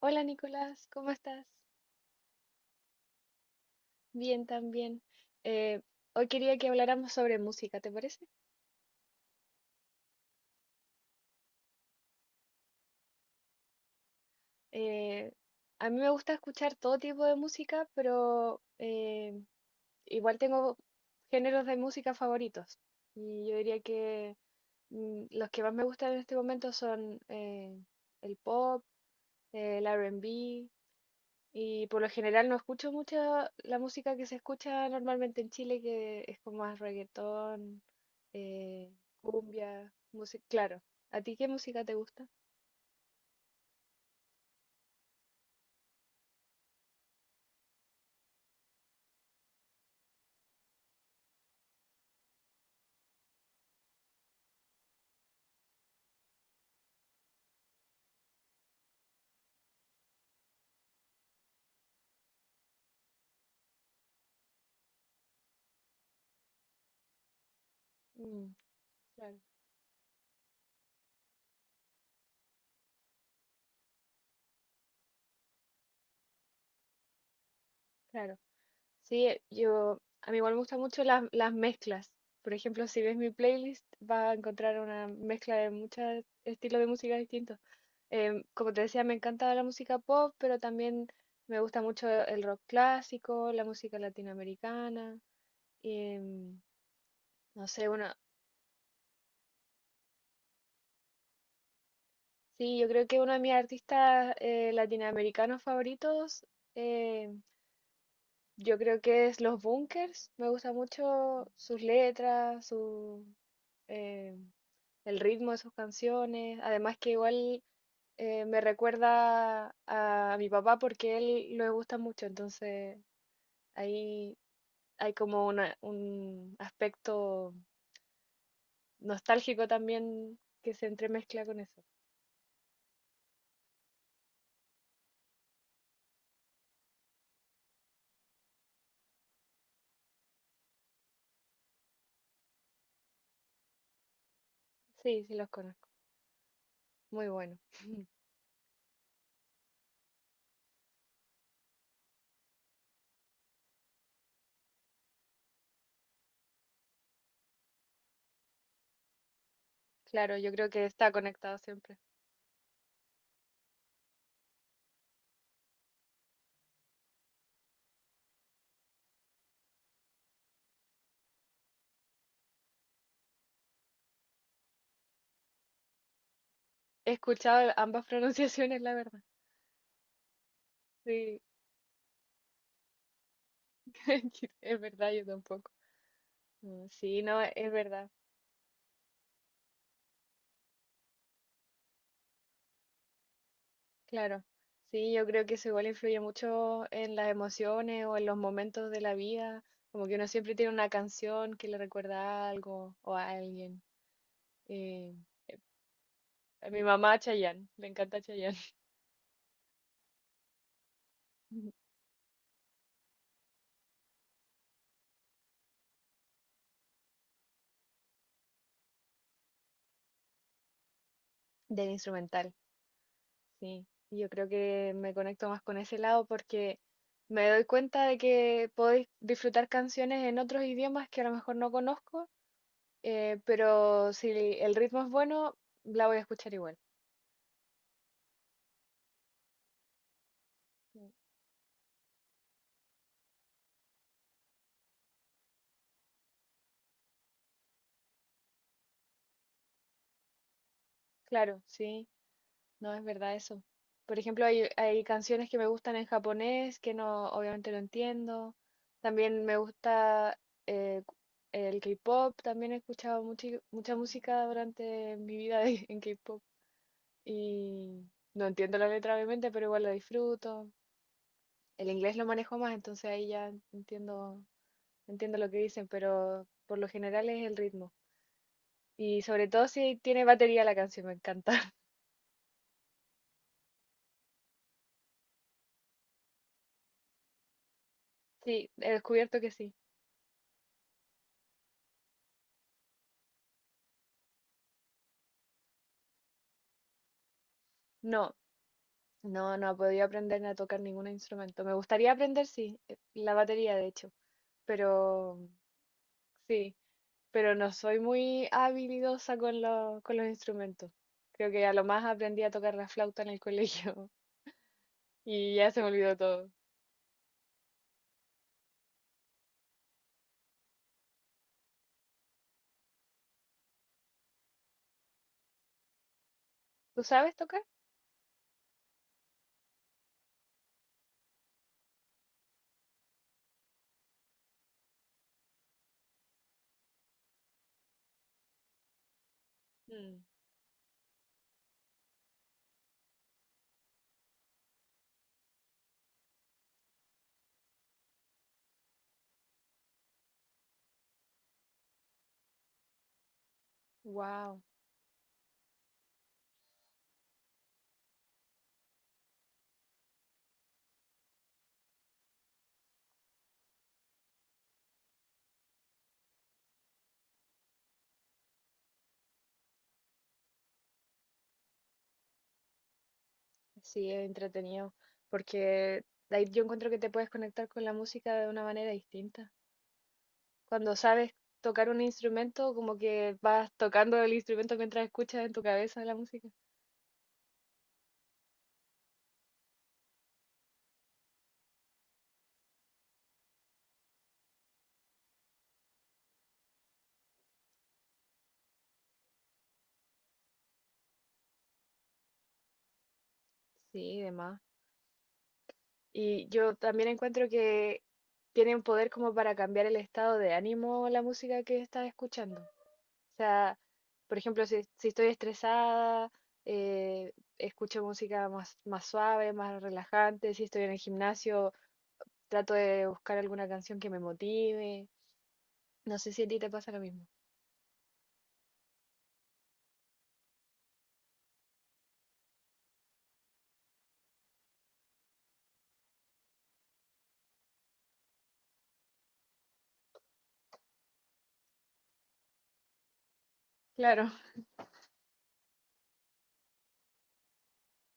Hola Nicolás, ¿cómo estás? Bien, también. Eh, hoy quería que habláramos sobre música, ¿te parece? Eh, a mí me gusta escuchar todo tipo de música, pero igual tengo géneros de música favoritos. Y yo diría que los que más me gustan en este momento son el pop, el R&B. Y por lo general no escucho mucha la música que se escucha normalmente en Chile, que es como más reggaetón, eh, cumbia, música, claro. ¿A ti qué música te gusta? Mm, claro, claro. Sí, a mí igual me gustan mucho las mezclas. Por ejemplo, si ves mi playlist, vas a encontrar una mezcla de muchos estilos de música distintos. Como te decía, me encanta la música pop, pero también me gusta mucho el rock clásico, la música latinoamericana. Em, no sé, bueno, sí, yo creo que uno de mis artistas latinoamericanos favoritos, eh, yo creo que es Los Bunkers. Me gusta mucho sus letras, eh, el ritmo de sus canciones. Además que igual me recuerda a mi papá porque él lo gusta mucho, entonces ahí hay como un aspecto nostálgico también que se entremezcla con eso. Sí, sí los conozco. Muy bueno. Claro, yo creo que está conectado siempre. He escuchado ambas pronunciaciones, la verdad. Sí, es verdad, yo tampoco. Mm, sí, no, es verdad, claro. Sí, yo creo que eso igual influye mucho en las emociones o en los momentos de la vida. Como que uno siempre tiene una canción que le recuerda a algo o a alguien. Eh, a mi mamá Chayanne, le encanta Chayanne. Del instrumental. Sí, yo creo que me conecto más con ese lado porque me doy cuenta de que puedo disfrutar canciones en otros idiomas que a lo mejor no conozco, pero si el ritmo es bueno, la voy a escuchar igual. Mm, claro, sí, no es verdad eso. Por ejemplo, hay canciones que me gustan en japonés que no, obviamente no entiendo. También me gusta eh, cu- el K-pop, también he escuchado mucha música durante mi vida en K-pop. Y no entiendo la letra obviamente, pero igual la disfruto. El inglés lo manejo más, entonces ahí ya entiendo, entiendo lo que dicen, pero por lo general es el ritmo. Y sobre todo si tiene batería la canción, me encanta. Sí, he descubierto que sí. No, no, no he podido aprender a tocar ningún instrumento. Me gustaría aprender, sí, la batería de hecho, pero sí, pero no soy muy habilidosa con con los instrumentos. Creo que a lo más aprendí a tocar la flauta en el colegio. Y ya se me olvidó todo. ¿Tú sabes tocar? Mm. Wow, sí, es entretenido, porque ahí yo encuentro que te puedes conectar con la música de una manera distinta. Cuando sabes tocar un instrumento, como que vas tocando el instrumento mientras escuchas en tu cabeza la música. Sí, demás. Y yo también encuentro que tiene un poder como para cambiar el estado de ánimo la música que estás escuchando. O sea, por ejemplo, si estoy estresada, eh, escucho música más suave, más relajante. Si estoy en el gimnasio, trato de buscar alguna canción que me motive. No sé si a ti te pasa lo mismo. Claro,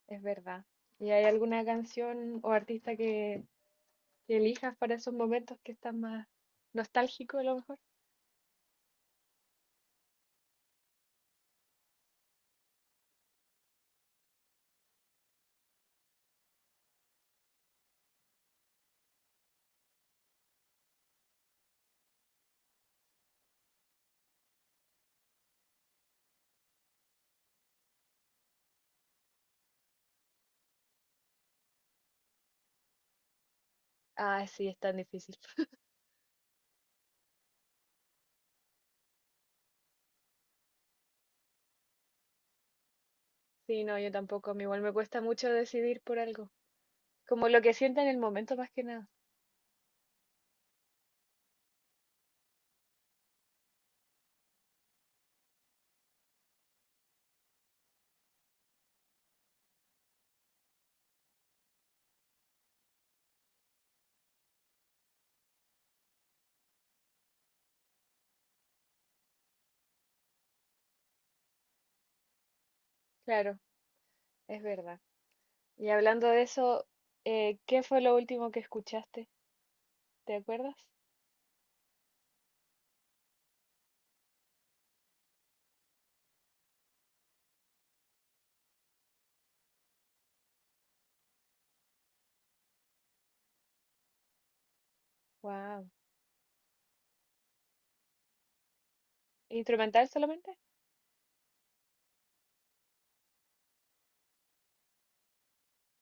es verdad. ¿Y hay alguna canción o artista que elijas para esos momentos que estás más nostálgico a lo mejor? Ah, sí, es tan difícil. Sí, no, yo tampoco. A mí igual me cuesta mucho decidir por algo. Como lo que sienta en el momento más que nada. Claro, es verdad. Y hablando de eso, ¿qué fue lo último que escuchaste? ¿Te acuerdas? Wow. ¿Instrumental solamente?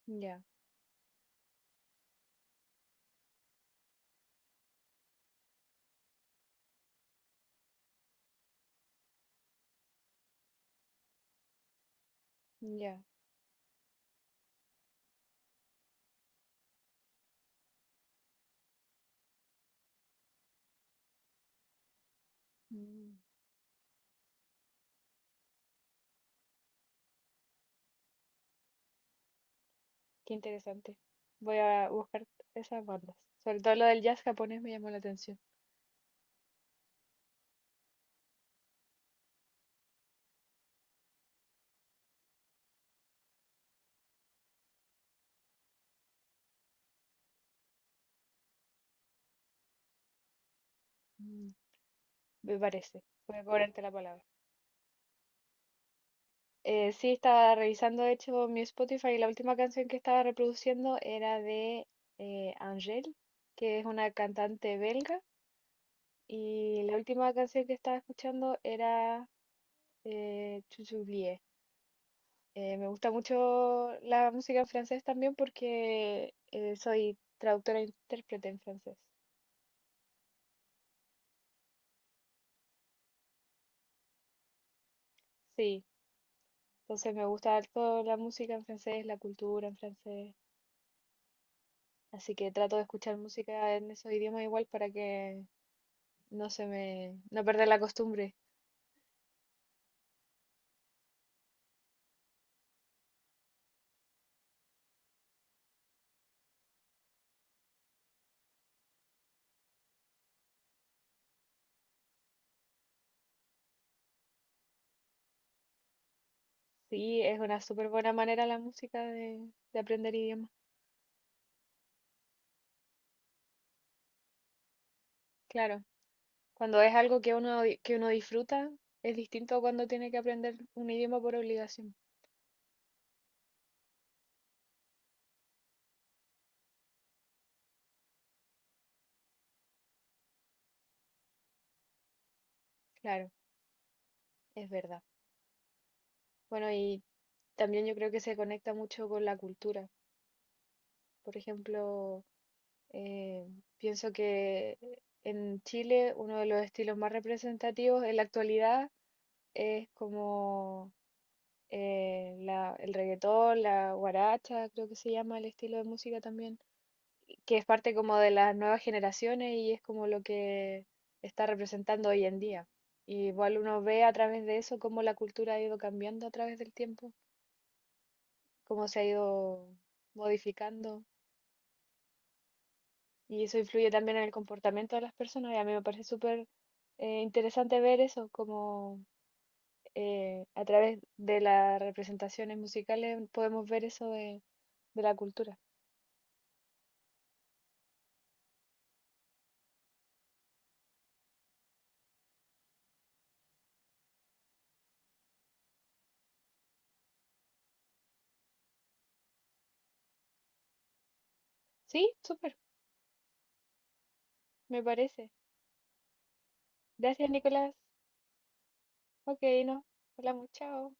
Ya, ya. Mm, qué interesante. Voy a buscar esas bandas. Sobre todo lo del jazz japonés me llamó la atención. Mm, me parece. Voy a cobrarte la palabra. Sí, estaba revisando, de hecho, mi Spotify y la última canción que estaba reproduciendo era de Angèle, que es una cantante belga. Y la última canción que estaba escuchando era Chuchublie. Me gusta mucho la música en francés también porque soy traductora e intérprete en francés. Sí, entonces me gusta toda la música en francés, la cultura en francés. Así que trato de escuchar música en esos idiomas igual para que no perder la costumbre. Sí, es una súper buena manera la música de aprender idiomas. Claro, cuando es algo que que uno disfruta, es distinto cuando tiene que aprender un idioma por obligación. Claro. Es verdad. Bueno, y también yo creo que se conecta mucho con la cultura. Por ejemplo, eh, pienso que en Chile uno de los estilos más representativos en la actualidad es como el reggaetón, la guaracha, creo que se llama el estilo de música también, que es parte como de las nuevas generaciones y es como lo que está representando hoy en día. Y igual uno ve a través de eso cómo la cultura ha ido cambiando a través del tiempo. Cómo se ha ido modificando y eso influye también en el comportamiento de las personas y a mí me parece súper interesante ver eso, como a través de las representaciones musicales podemos ver eso de la cultura. Sí, súper, me parece. Gracias, Nicolás. Ok, nos hablamos, chao.